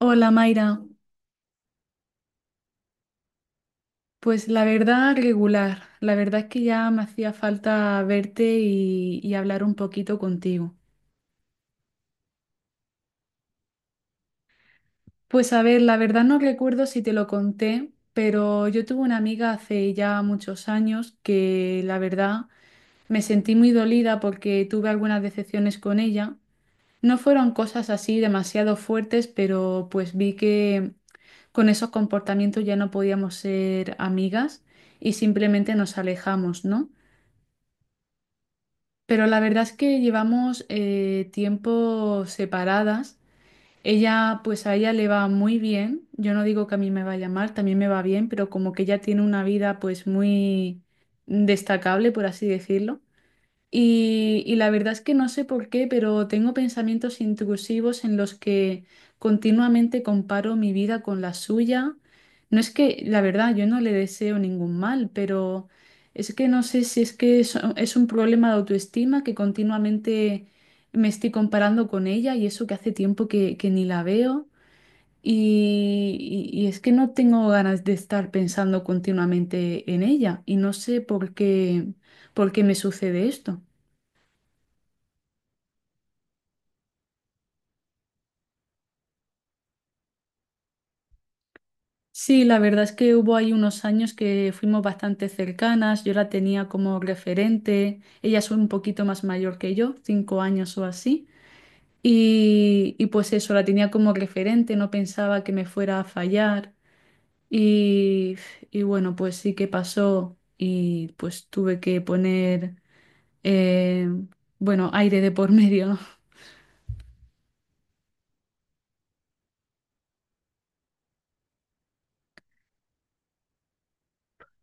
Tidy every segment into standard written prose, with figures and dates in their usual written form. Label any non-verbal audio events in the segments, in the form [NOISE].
Hola Mayra, pues la verdad regular, la verdad es que ya me hacía falta verte y hablar un poquito contigo. Pues a ver, la verdad no recuerdo si te lo conté, pero yo tuve una amiga hace ya muchos años que la verdad me sentí muy dolida porque tuve algunas decepciones con ella. No fueron cosas así demasiado fuertes, pero pues vi que con esos comportamientos ya no podíamos ser amigas y simplemente nos alejamos, ¿no? Pero la verdad es que llevamos tiempo separadas. Ella, pues a ella le va muy bien. Yo no digo que a mí me vaya mal, también me va bien, pero como que ella tiene una vida pues muy destacable, por así decirlo. Y la verdad es que no sé por qué, pero tengo pensamientos intrusivos en los que continuamente comparo mi vida con la suya. No es que, la verdad, yo no le deseo ningún mal, pero es que no sé si es que es un problema de autoestima que continuamente me estoy comparando con ella y eso que hace tiempo que ni la veo. Y es que no tengo ganas de estar pensando continuamente en ella y no sé por qué me sucede esto. Sí, la verdad es que hubo ahí unos años que fuimos bastante cercanas, yo la tenía como referente, ella es un poquito más mayor que yo, 5 años o así, y pues eso, la tenía como referente, no pensaba que me fuera a fallar, y, y bueno, pues sí que pasó y pues tuve que poner, eh, bueno, aire de por [LAUGHS] medio, ¿no?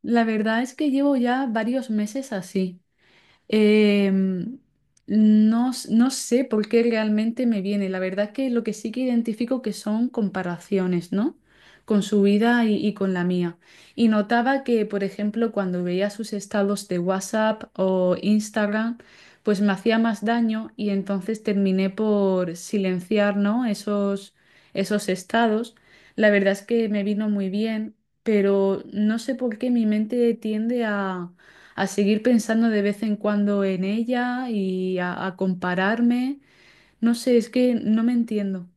La verdad es que llevo ya varios meses así. Em, no, no sé por qué realmente me viene. La verdad que lo que sí que identifico que son comparaciones, ¿no? Con su vida y con la mía. Y notaba que, por ejemplo, cuando veía sus estados de WhatsApp o Instagram, pues me hacía más daño y entonces terminé por silenciar, ¿no? Esos, esos estados. La verdad es que me vino muy bien, pero no sé por qué mi mente tiende a seguir pensando de vez en cuando en ella y a compararme. No sé, es que no me entiendo.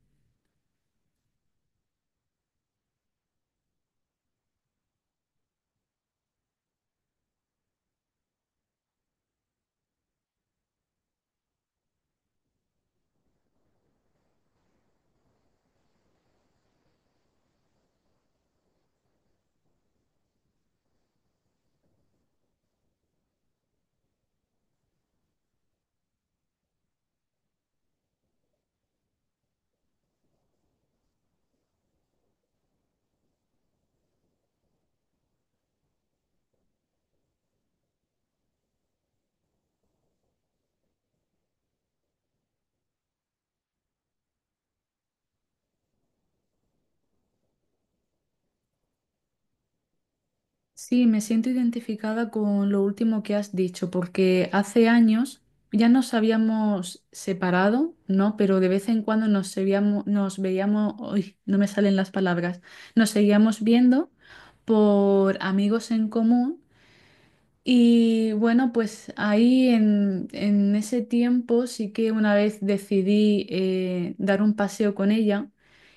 Sí, me siento identificada con lo último que has dicho, porque hace años ya nos habíamos separado, ¿no? Pero de vez en cuando nos veíamos, uy, no me salen las palabras, nos seguíamos viendo por amigos en común. Y bueno, pues ahí en ese tiempo sí que una vez decidí dar un paseo con ella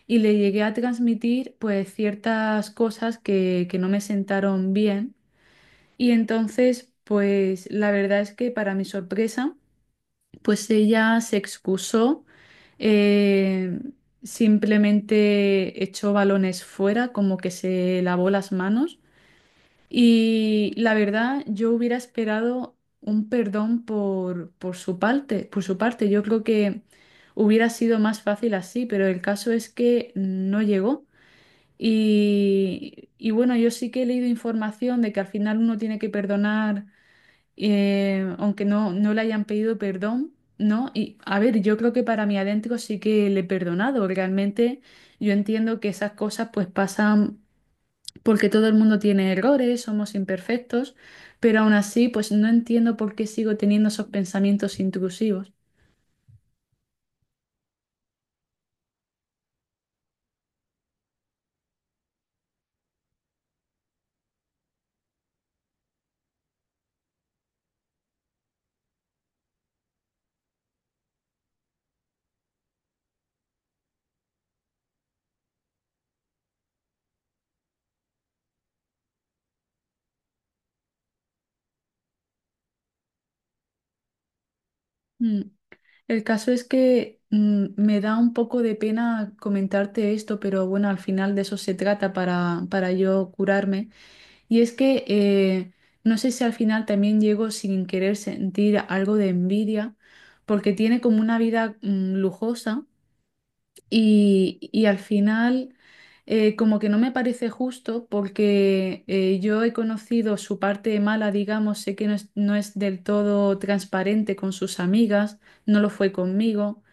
y le llegué a transmitir pues ciertas cosas que no me sentaron bien. Y entonces pues la verdad es que para mi sorpresa pues ella se excusó, eh, simplemente echó balones fuera, como que se lavó las manos. Y la verdad, yo hubiera esperado un perdón por su parte, por su parte. Yo creo que hubiera sido más fácil así, pero el caso es que no llegó. Y bueno, yo sí que he leído información de que al final uno tiene que perdonar, aunque no le hayan pedido perdón, ¿no? Y a ver, yo creo que para mí adentro sí que le he perdonado. Realmente yo entiendo que esas cosas pues pasan porque todo el mundo tiene errores, somos imperfectos, pero aún así, pues no entiendo por qué sigo teniendo esos pensamientos intrusivos. Mm. El caso es que me da un poco de pena comentarte esto, pero bueno, al final de eso se trata para yo curarme. Y es que no sé si al final también llego sin querer sentir algo de envidia, porque tiene como una vida lujosa. Y al final, como que no me parece justo porque yo he conocido su parte mala, digamos, sé que no es, no es del todo transparente con sus amigas, no lo fue conmigo.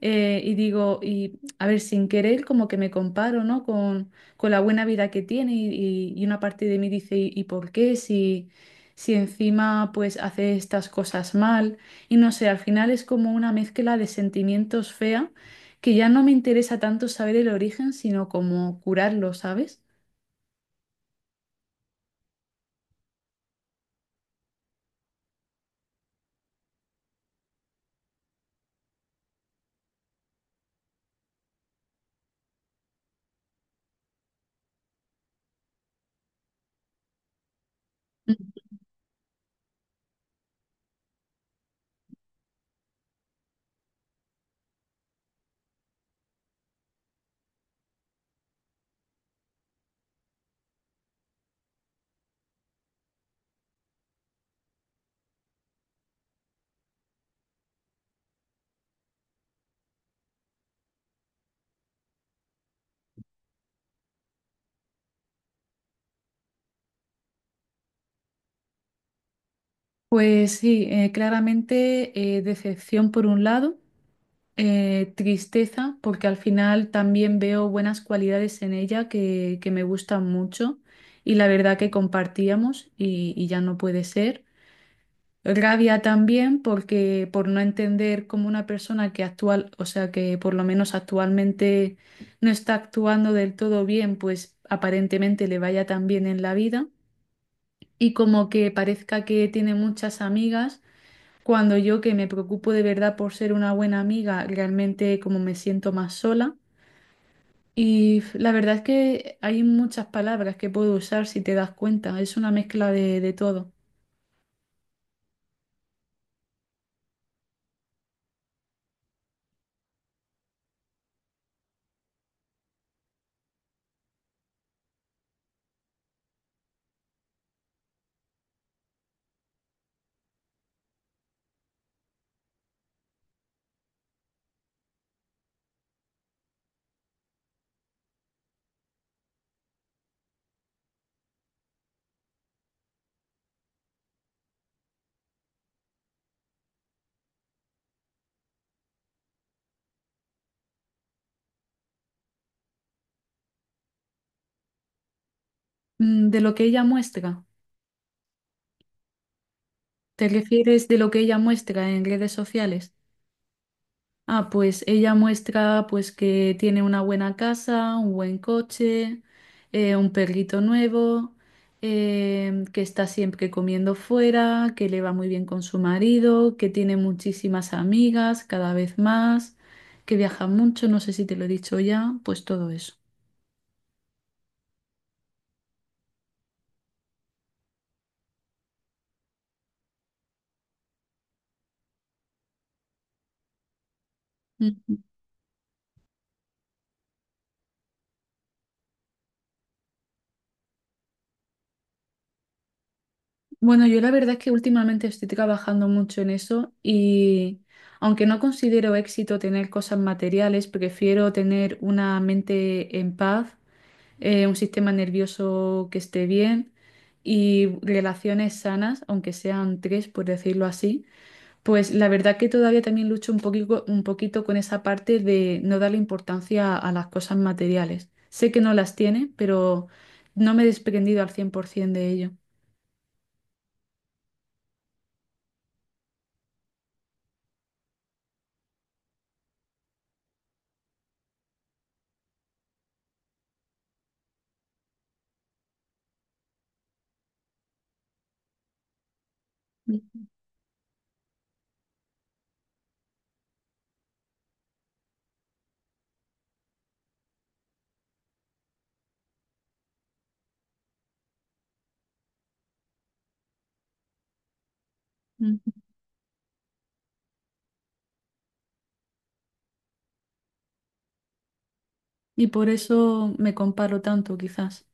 Y digo, y a ver, sin querer, como que me comparo, ¿no? Con la buena vida que tiene y una parte de mí dice, y por qué? Si, si encima pues hace estas cosas mal. Y no sé, al final es como una mezcla de sentimientos fea que ya no me interesa tanto saber el origen, sino como curarlo, ¿sabes? Mm. Pues sí, claramente decepción por un lado. Tristeza, porque al final también veo buenas cualidades en ella que me gustan mucho y la verdad que compartíamos y ya no puede ser. Rabia también porque por no entender cómo una persona que actual, o sea que por lo menos actualmente no está actuando del todo bien, pues aparentemente le vaya tan bien en la vida y como que parezca que tiene muchas amigas cuando yo que me preocupo de verdad por ser una buena amiga, realmente como me siento más sola. Y la verdad es que hay muchas palabras que puedo usar si te das cuenta. Es una mezcla de todo. Mm, de lo que ella muestra. ¿Te refieres de lo que ella muestra en redes sociales? Ah, pues ella muestra pues que tiene una buena casa, un buen coche, un perrito nuevo, que está siempre comiendo fuera, que le va muy bien con su marido, que tiene muchísimas amigas, cada vez más, que viaja mucho, no sé si te lo he dicho ya, pues todo eso. Ujú. Bueno, yo la verdad es que últimamente estoy trabajando mucho en eso y aunque no considero éxito tener cosas materiales, prefiero tener una mente en paz, un sistema nervioso que esté bien y relaciones sanas, aunque sean 3, por decirlo así, pues la verdad que todavía también lucho un poquito con esa parte de no darle importancia a las cosas materiales. Sé que no las tiene, pero no me he desprendido al 100% de ello. Ujú. Ujú. Y por eso me comparo tanto, quizás.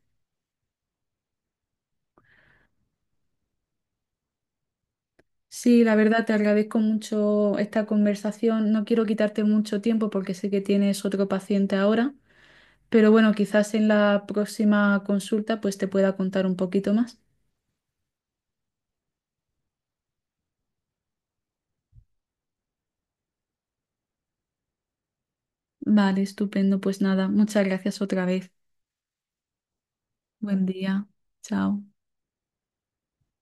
Sí, la verdad, te agradezco mucho esta conversación. No quiero quitarte mucho tiempo porque sé que tienes otro paciente ahora. Pero bueno, quizás en la próxima consulta pues te pueda contar un poquito más. Vale, estupendo. Pues nada, muchas gracias otra vez. Buen día. Chao.